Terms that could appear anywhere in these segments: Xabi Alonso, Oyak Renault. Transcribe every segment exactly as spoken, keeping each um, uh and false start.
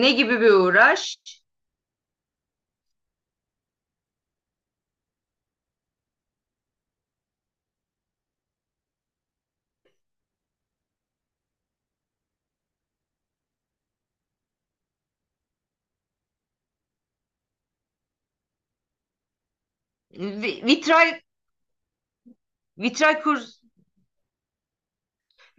Ne gibi bir uğraş? Vi- Vitray vitray kurs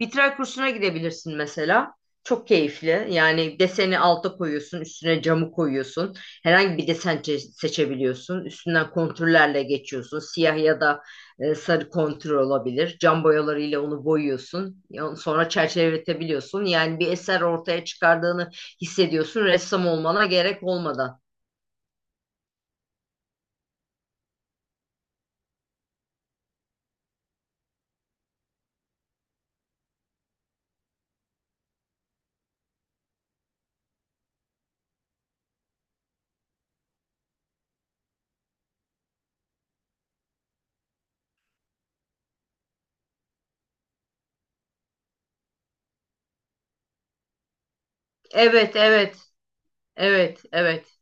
Vitray kursuna gidebilirsin mesela. Çok keyifli. Yani deseni alta koyuyorsun, üstüne camı koyuyorsun. Herhangi bir desen çe- seçebiliyorsun. Üstünden kontürlerle geçiyorsun. Siyah ya da e, sarı kontür olabilir. Cam boyalarıyla onu boyuyorsun. Ya- Sonra çerçeveletebiliyorsun. Yani bir eser ortaya çıkardığını hissediyorsun ressam olmana gerek olmadan. Evet, evet, evet, evet.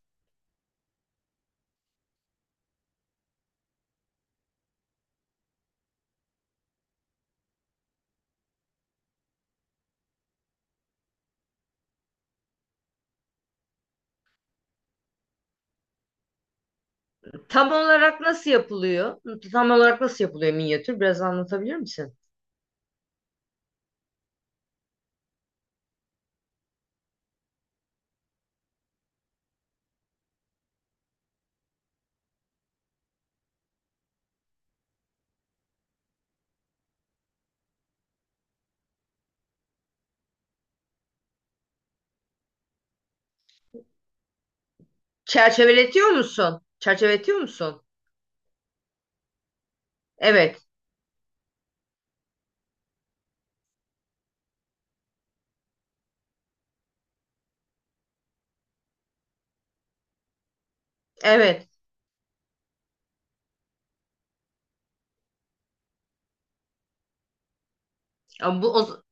Tam olarak nasıl yapılıyor? Tam olarak nasıl yapılıyor minyatür? Biraz anlatabilir misin? Çerçeveletiyor musun? Çerçeveletiyor musun? Evet, evet. Ama bu o,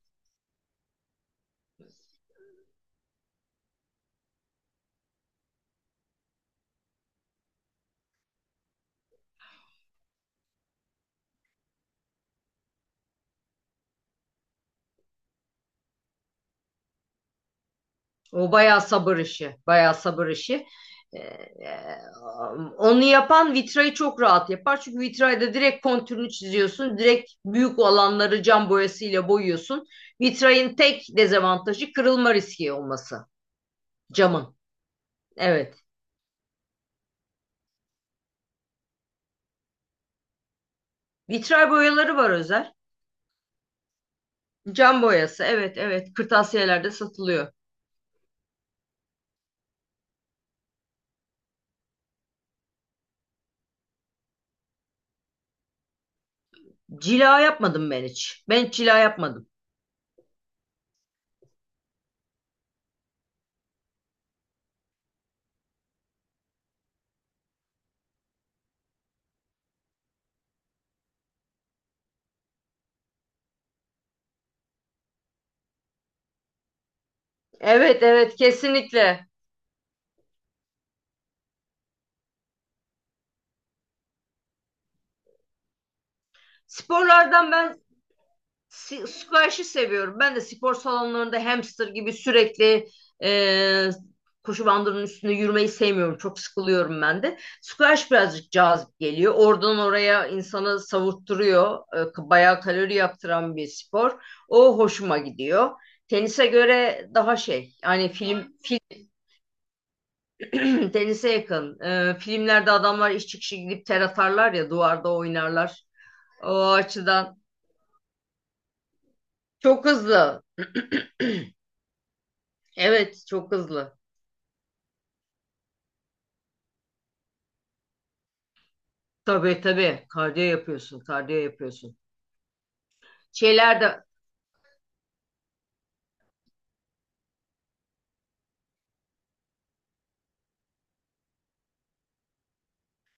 o bayağı sabır işi, bayağı sabır işi. Ee, e, onu yapan vitrayı çok rahat yapar. Çünkü vitrayda direkt kontürünü çiziyorsun. Direkt büyük alanları cam boyasıyla boyuyorsun. Vitrayın tek dezavantajı kırılma riski olması. Camın. Evet. Vitray boyaları var özel. Cam boyası. Evet, evet. Kırtasiyelerde satılıyor. Cila yapmadım ben hiç. Ben hiç cila yapmadım. Evet, evet, kesinlikle. Sporlardan ben Si- squash'ı seviyorum. Ben de spor salonlarında hamster gibi sürekli e, koşu bandının üstünde yürümeyi sevmiyorum. Çok sıkılıyorum ben de. Squash birazcık cazip geliyor. Oradan oraya insanı savurtturuyor. E, bayağı kalori yaktıran bir spor. O hoşuma gidiyor. Tenise göre daha şey yani film, film tenise yakın. E, filmlerde adamlar iş çıkışı gidip ter atarlar ya, duvarda oynarlar. O açıdan çok hızlı. Evet, çok hızlı. Tabii tabii. Kardiyo yapıyorsun, kardiyo yapıyorsun. Şeylerde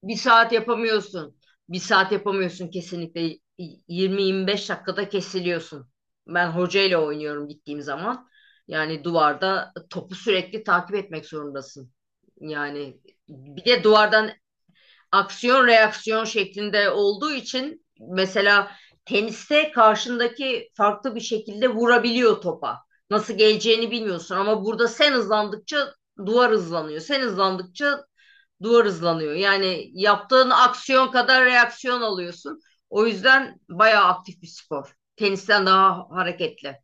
bir saat yapamıyorsun. Bir saat yapamıyorsun kesinlikle. Y- yirmi yirmi beş dakikada kesiliyorsun. Ben hocayla oynuyorum gittiğim zaman. Yani duvarda topu sürekli takip etmek zorundasın. Yani bir de duvardan aksiyon reaksiyon şeklinde olduğu için mesela teniste karşındaki farklı bir şekilde vurabiliyor topa. Nasıl geleceğini bilmiyorsun ama burada sen hızlandıkça duvar hızlanıyor. Sen hızlandıkça duvar hızlanıyor. Yani yaptığın aksiyon kadar reaksiyon alıyorsun. O yüzden bayağı aktif bir spor. Tenisten daha hareketli.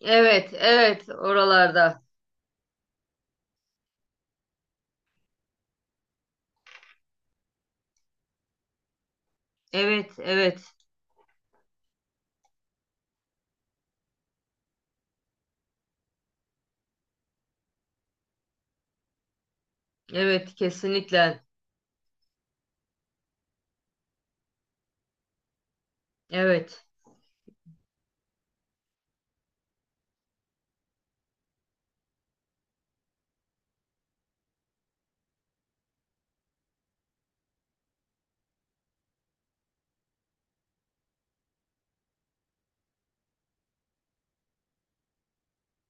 Evet, evet oralarda. Evet, evet, evet kesinlikle. Evet.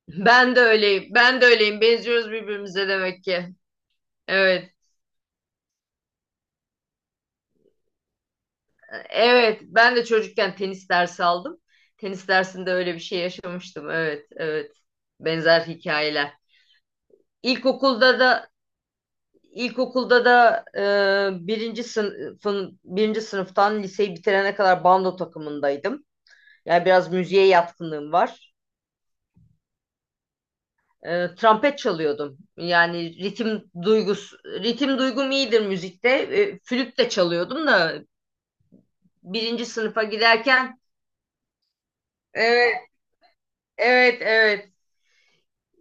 Ben de öyleyim. Ben de öyleyim. Benziyoruz birbirimize demek ki. Evet. Evet. Ben de çocukken tenis dersi aldım. Tenis dersinde öyle bir şey yaşamıştım. Evet. Evet. Benzer hikayeler. İlkokulda da ilkokulda da e, birinci sınıfın birinci sınıftan liseyi bitirene kadar bando takımındaydım. Yani biraz müziğe yatkınlığım var. E, trompet çalıyordum. Yani ritim duygus ritim duygum iyidir müzikte. E, flüt de çalıyordum da birinci sınıfa giderken. Evet, evet, evet.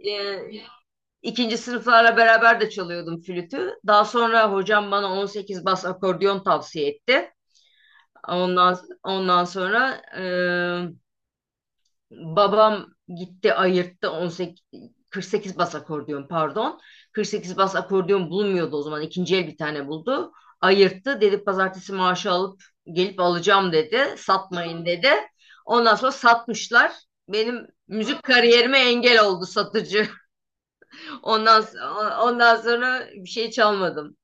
e, ikinci sınıflarla beraber de çalıyordum flütü. Daha sonra hocam bana on sekiz bas akordeon tavsiye etti. Ondan ondan sonra, e, babam gitti ayırttı on sekiz kırk sekiz bas akordeon pardon. kırk sekiz bas akordeon bulmuyordu o zaman. İkinci el bir tane buldu. Ayırttı. Dedi pazartesi maaşı alıp gelip alacağım dedi. Satmayın dedi. Ondan sonra satmışlar. Benim müzik kariyerime engel oldu satıcı. Ondan so- ondan sonra bir şey çalmadım.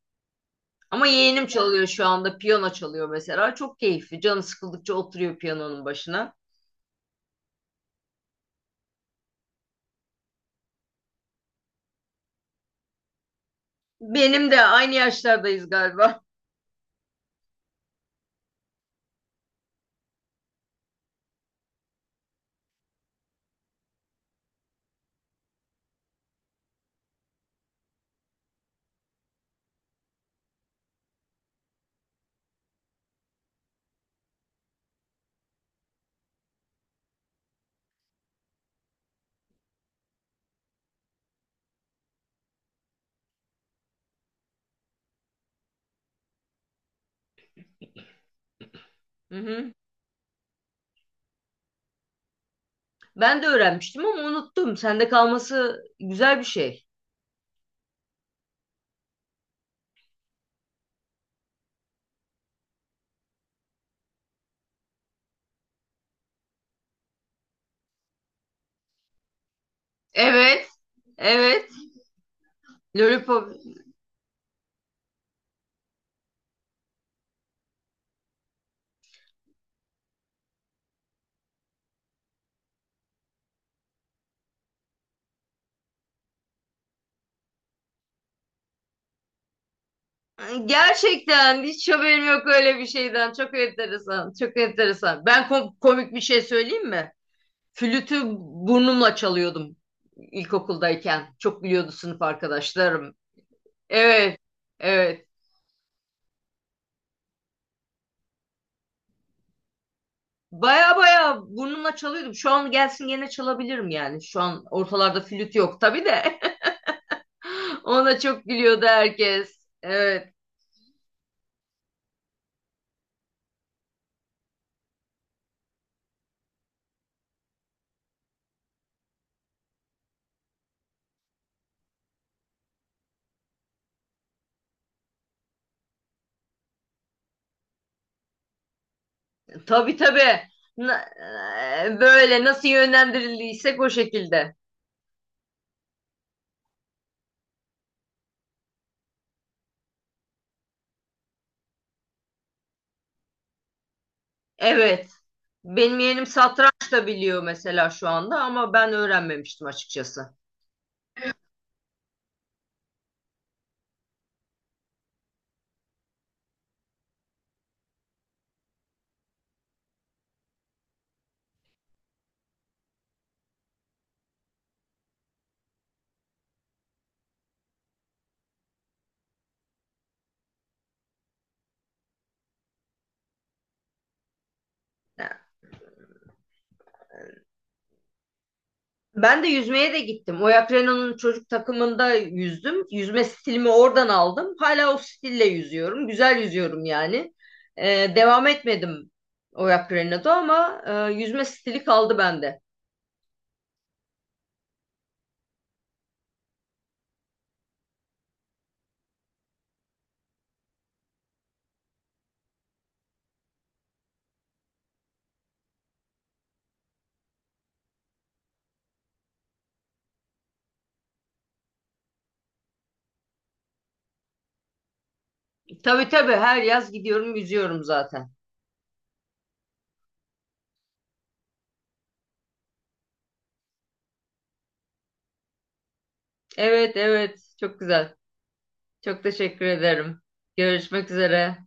Ama yeğenim çalıyor şu anda. Piyano çalıyor mesela. Çok keyifli. Canı sıkıldıkça oturuyor piyanonun başına. Benim de aynı yaşlardayız galiba. Hı hı. Ben de öğrenmiştim ama unuttum. Sende kalması güzel bir şey. Evet, evet. Lollipop. Gerçekten hiç haberim yok öyle bir şeyden. Çok enteresan, çok enteresan. Ben kom- komik bir şey söyleyeyim mi? Flütü burnumla çalıyordum ilkokuldayken. Çok biliyordu sınıf arkadaşlarım. Evet, evet. Baya baya burnumla çalıyordum. Şu an gelsin gene çalabilirim yani. Şu an ortalarda flüt yok tabii de. Ona çok gülüyordu herkes. Evet. Tabii tabii. Na- e, Böyle nasıl yönlendirildiysek o şekilde. Evet. Benim yeğenim satranç da biliyor mesela şu anda ama ben öğrenmemiştim açıkçası. Ben de yüzmeye de gittim. Oyak Renault'un çocuk takımında yüzdüm. Yüzme stilimi oradan aldım. Hala o stille yüzüyorum. Güzel yüzüyorum yani. Ee, devam etmedim Oyak Renault'da ama e, yüzme stili kaldı bende. Tabii tabii her yaz gidiyorum yüzüyorum zaten. Evet, evet çok güzel. Çok teşekkür ederim. Görüşmek üzere.